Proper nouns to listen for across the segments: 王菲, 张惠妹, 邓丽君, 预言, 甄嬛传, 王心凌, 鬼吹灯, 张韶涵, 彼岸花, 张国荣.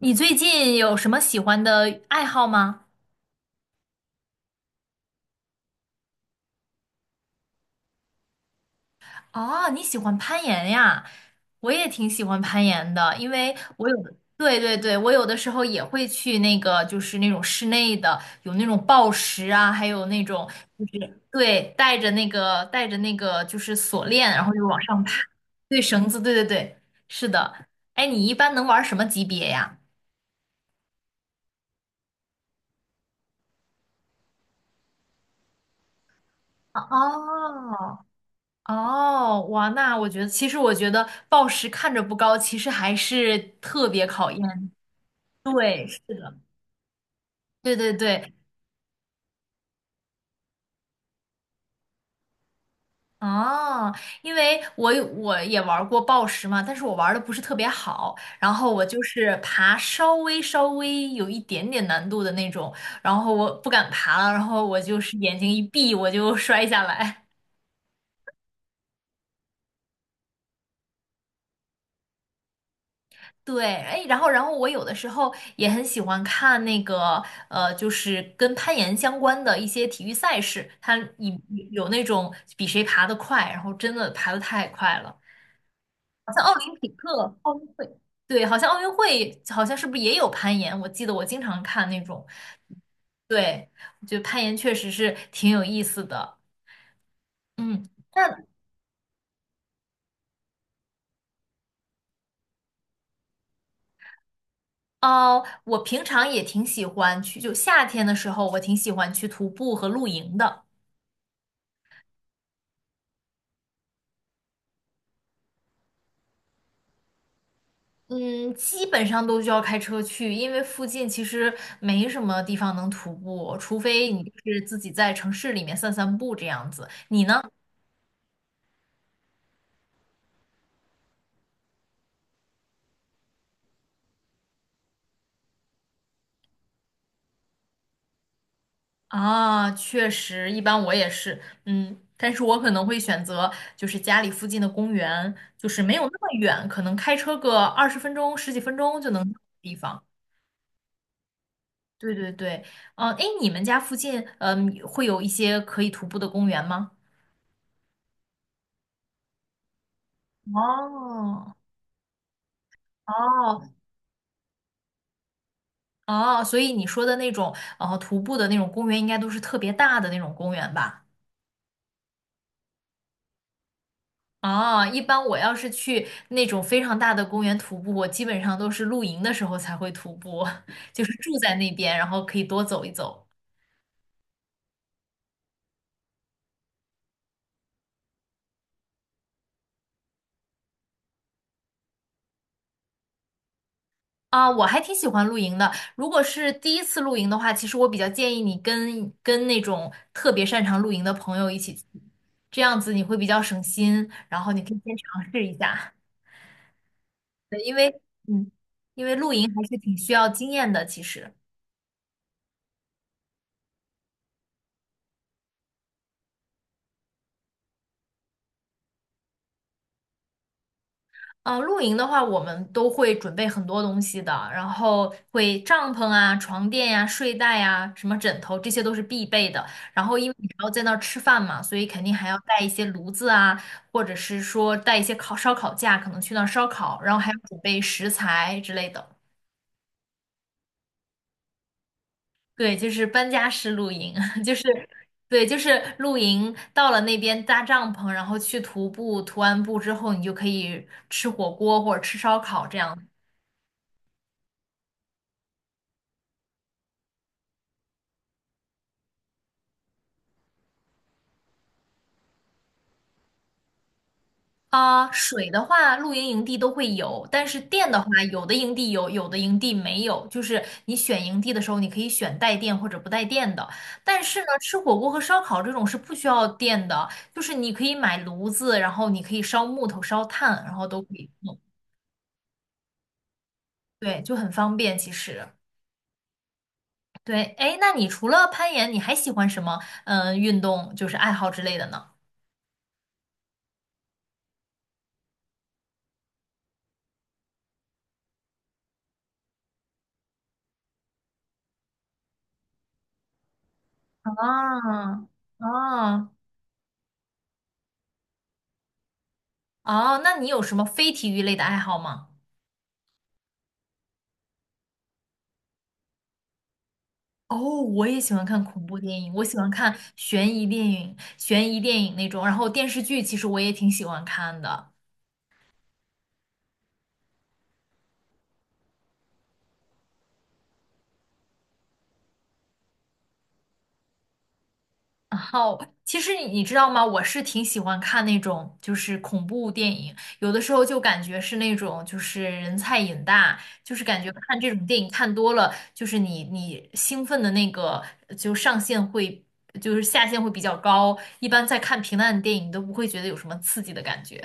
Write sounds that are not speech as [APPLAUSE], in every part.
你最近有什么喜欢的爱好吗？哦，你喜欢攀岩呀？我也挺喜欢攀岩的，因为我有的，对对对，我有的时候也会去那个，就是那种室内的，有那种抱石啊，还有那种就是对，带着那个就是锁链，然后就往上爬，对，绳子，对对对，是的。哎，你一般能玩什么级别呀？哦，哦，哇，那我觉得，其实我觉得暴食看着不高，其实还是特别考验。对，是的，对对对。哦，因为我也玩过暴食嘛，但是我玩的不是特别好，然后我就是爬稍微有一点点难度的那种，然后我不敢爬了，然后我就是眼睛一闭我就 [LAUGHS] 摔下来。对，哎，然后，我有的时候也很喜欢看那个，就是跟攀岩相关的一些体育赛事，它有那种比谁爬得快，然后真的爬得太快了，好像奥林匹克、奥运会，对，好像奥运会好像是不是也有攀岩？我记得我经常看那种，对，我觉得攀岩确实是挺有意思的，嗯。那哦，我平常也挺喜欢去，就夏天的时候，我挺喜欢去徒步和露营的。嗯，基本上都需要开车去，因为附近其实没什么地方能徒步，除非你就是自己在城市里面散散步这样子。你呢？啊，确实，一般我也是，嗯，但是我可能会选择就是家里附近的公园，就是没有那么远，可能开车个20分钟、十几分钟就能到的地方。对对对，嗯，哎，你们家附近，嗯，会有一些可以徒步的公园吗？哦哦，哦，所以你说的那种徒步的那种公园，应该都是特别大的那种公园吧？哦，一般我要是去那种非常大的公园徒步，我基本上都是露营的时候才会徒步，[LAUGHS] 就是住在那边，然后可以多走一走。啊，我还挺喜欢露营的。如果是第一次露营的话，其实我比较建议你跟那种特别擅长露营的朋友一起去这样子你会比较省心，然后你可以先尝试一下，因为嗯，因为露营还是挺需要经验的，其实。嗯，露营的话，我们都会准备很多东西的，然后会帐篷啊、床垫呀、睡袋呀、什么枕头，这些都是必备的。然后，因为你还要在那儿吃饭嘛，所以肯定还要带一些炉子啊，或者是说带一些烧烤架，可能去那儿烧烤，然后还要准备食材之类的。对，就是搬家式露营，[LAUGHS] 就是对，就是露营到了那边搭帐篷，然后去徒步，徒完步之后，你就可以吃火锅或者吃烧烤这样。啊，水的话，露营营地都会有，但是电的话，有的营地有，有的营地没有。就是你选营地的时候，你可以选带电或者不带电的。但是呢，吃火锅和烧烤这种是不需要电的，就是你可以买炉子，然后你可以烧木头、烧炭，然后都可以弄。对，就很方便其实。对，哎，那你除了攀岩，你还喜欢什么？嗯，运动就是爱好之类的呢？啊，哦哦，那你有什么非体育类的爱好吗？哦，我也喜欢看恐怖电影，我喜欢看悬疑电影那种，然后电视剧其实我也挺喜欢看的。然后，其实你知道吗？我是挺喜欢看那种就是恐怖电影，有的时候就感觉是那种就是人菜瘾大，就是感觉看这种电影看多了，就是你兴奋的那个就上限会就是下限会比较高，一般在看平淡的电影都不会觉得有什么刺激的感觉。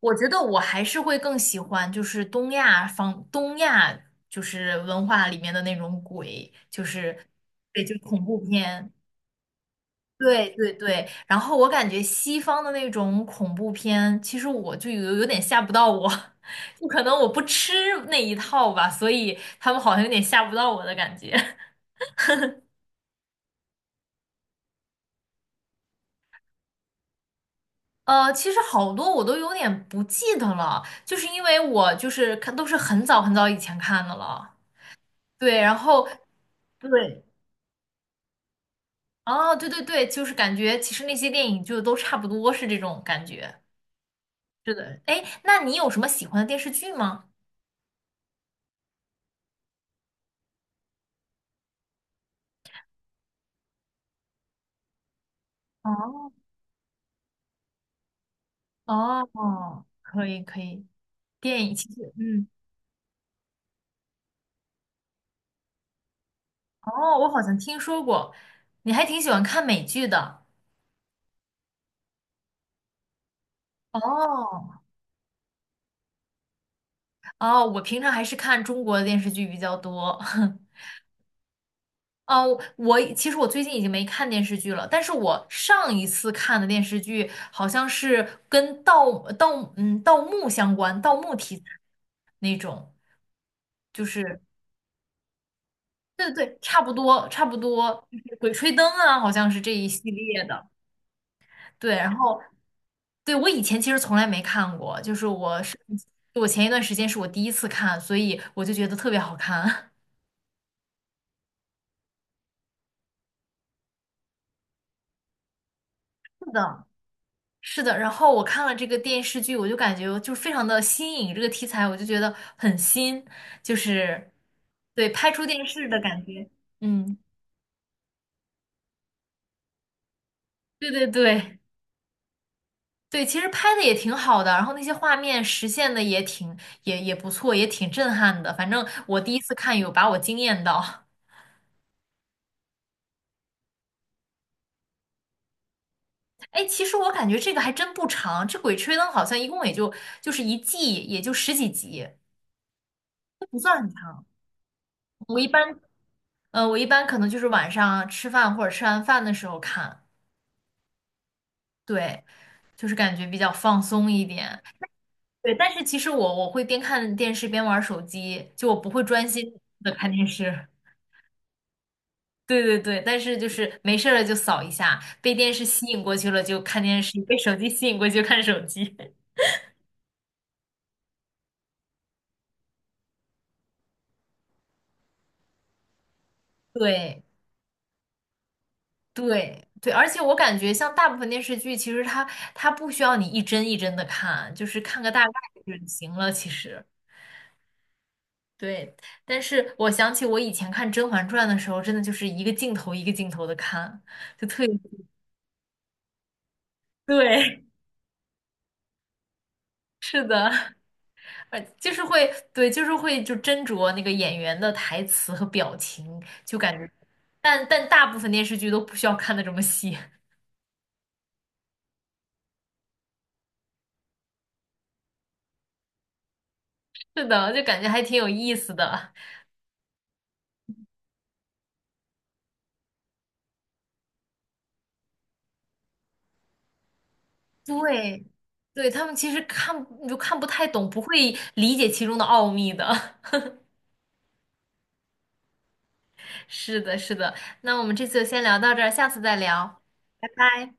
我觉得我还是会更喜欢，就是东亚就是文化里面的那种鬼，就是对，就是恐怖片，对对对。然后我感觉西方的那种恐怖片，其实我就有点吓不到我，[LAUGHS] 就可能我不吃那一套吧，所以他们好像有点吓不到我的感觉。呃，其实好多我都有点不记得了，就是因为我就是看都是很早很早以前看的了。对，然后对哦，对对对，就是感觉其实那些电影就都差不多是这种感觉。是的，哎，那你有什么喜欢的电视剧吗？哦哦，可以可以，电影其实嗯，哦，我好像听说过，你还挺喜欢看美剧的。哦哦，我平常还是看中国的电视剧比较多。[LAUGHS] 哦，其实我最近已经没看电视剧了，但是我上一次看的电视剧好像是跟盗墓相关，盗墓题材那种，就是对对对，差不多差不多，就是鬼吹灯》啊，好像是这一系列的，对，然后对我以前其实从来没看过，就是我前一段时间是我第一次看，所以我就觉得特别好看。[LAUGHS] 是的，是的，然后我看了这个电视剧，我就感觉就是非常的新颖，这个题材我就觉得很新，就是对拍出电视的感觉。嗯，对对对对，其实拍的也挺好的，然后那些画面实现的也不错，也挺震撼的。反正我第一次看有把我惊艳到。[LAUGHS] 哎，其实我感觉这个还真不长，这《鬼吹灯》好像一共就是一季也就十几集，不算很长。我一般我一般可能就是晚上吃饭或者吃完饭的时候看，对，就是感觉比较放松一点。对，但是其实我会边看电视边玩手机，就我不会专心的看电视。对对对，但是就是没事儿了就扫一下，被电视吸引过去了就看电视，被手机吸引过去就看手机。[LAUGHS] 对对对，而且我感觉像大部分电视剧，其实它不需要你一帧一帧的看，就是看个大概就行了，其实。对，但是我想起我以前看《甄嬛传》的时候，真的就是一个镜头一个镜头的看，就特别，[LAUGHS] 对，是的，就是会，对，就是会就斟酌那个演员的台词和表情，就感觉，但大部分电视剧都不需要看的这么细，[LAUGHS] 是的，就感觉还挺有意思的。对，对，他们其实看你就看不太懂，不会理解其中的奥秘的。[LAUGHS] 是的，是的。那我们这次就先聊到这儿，下次再聊，拜拜。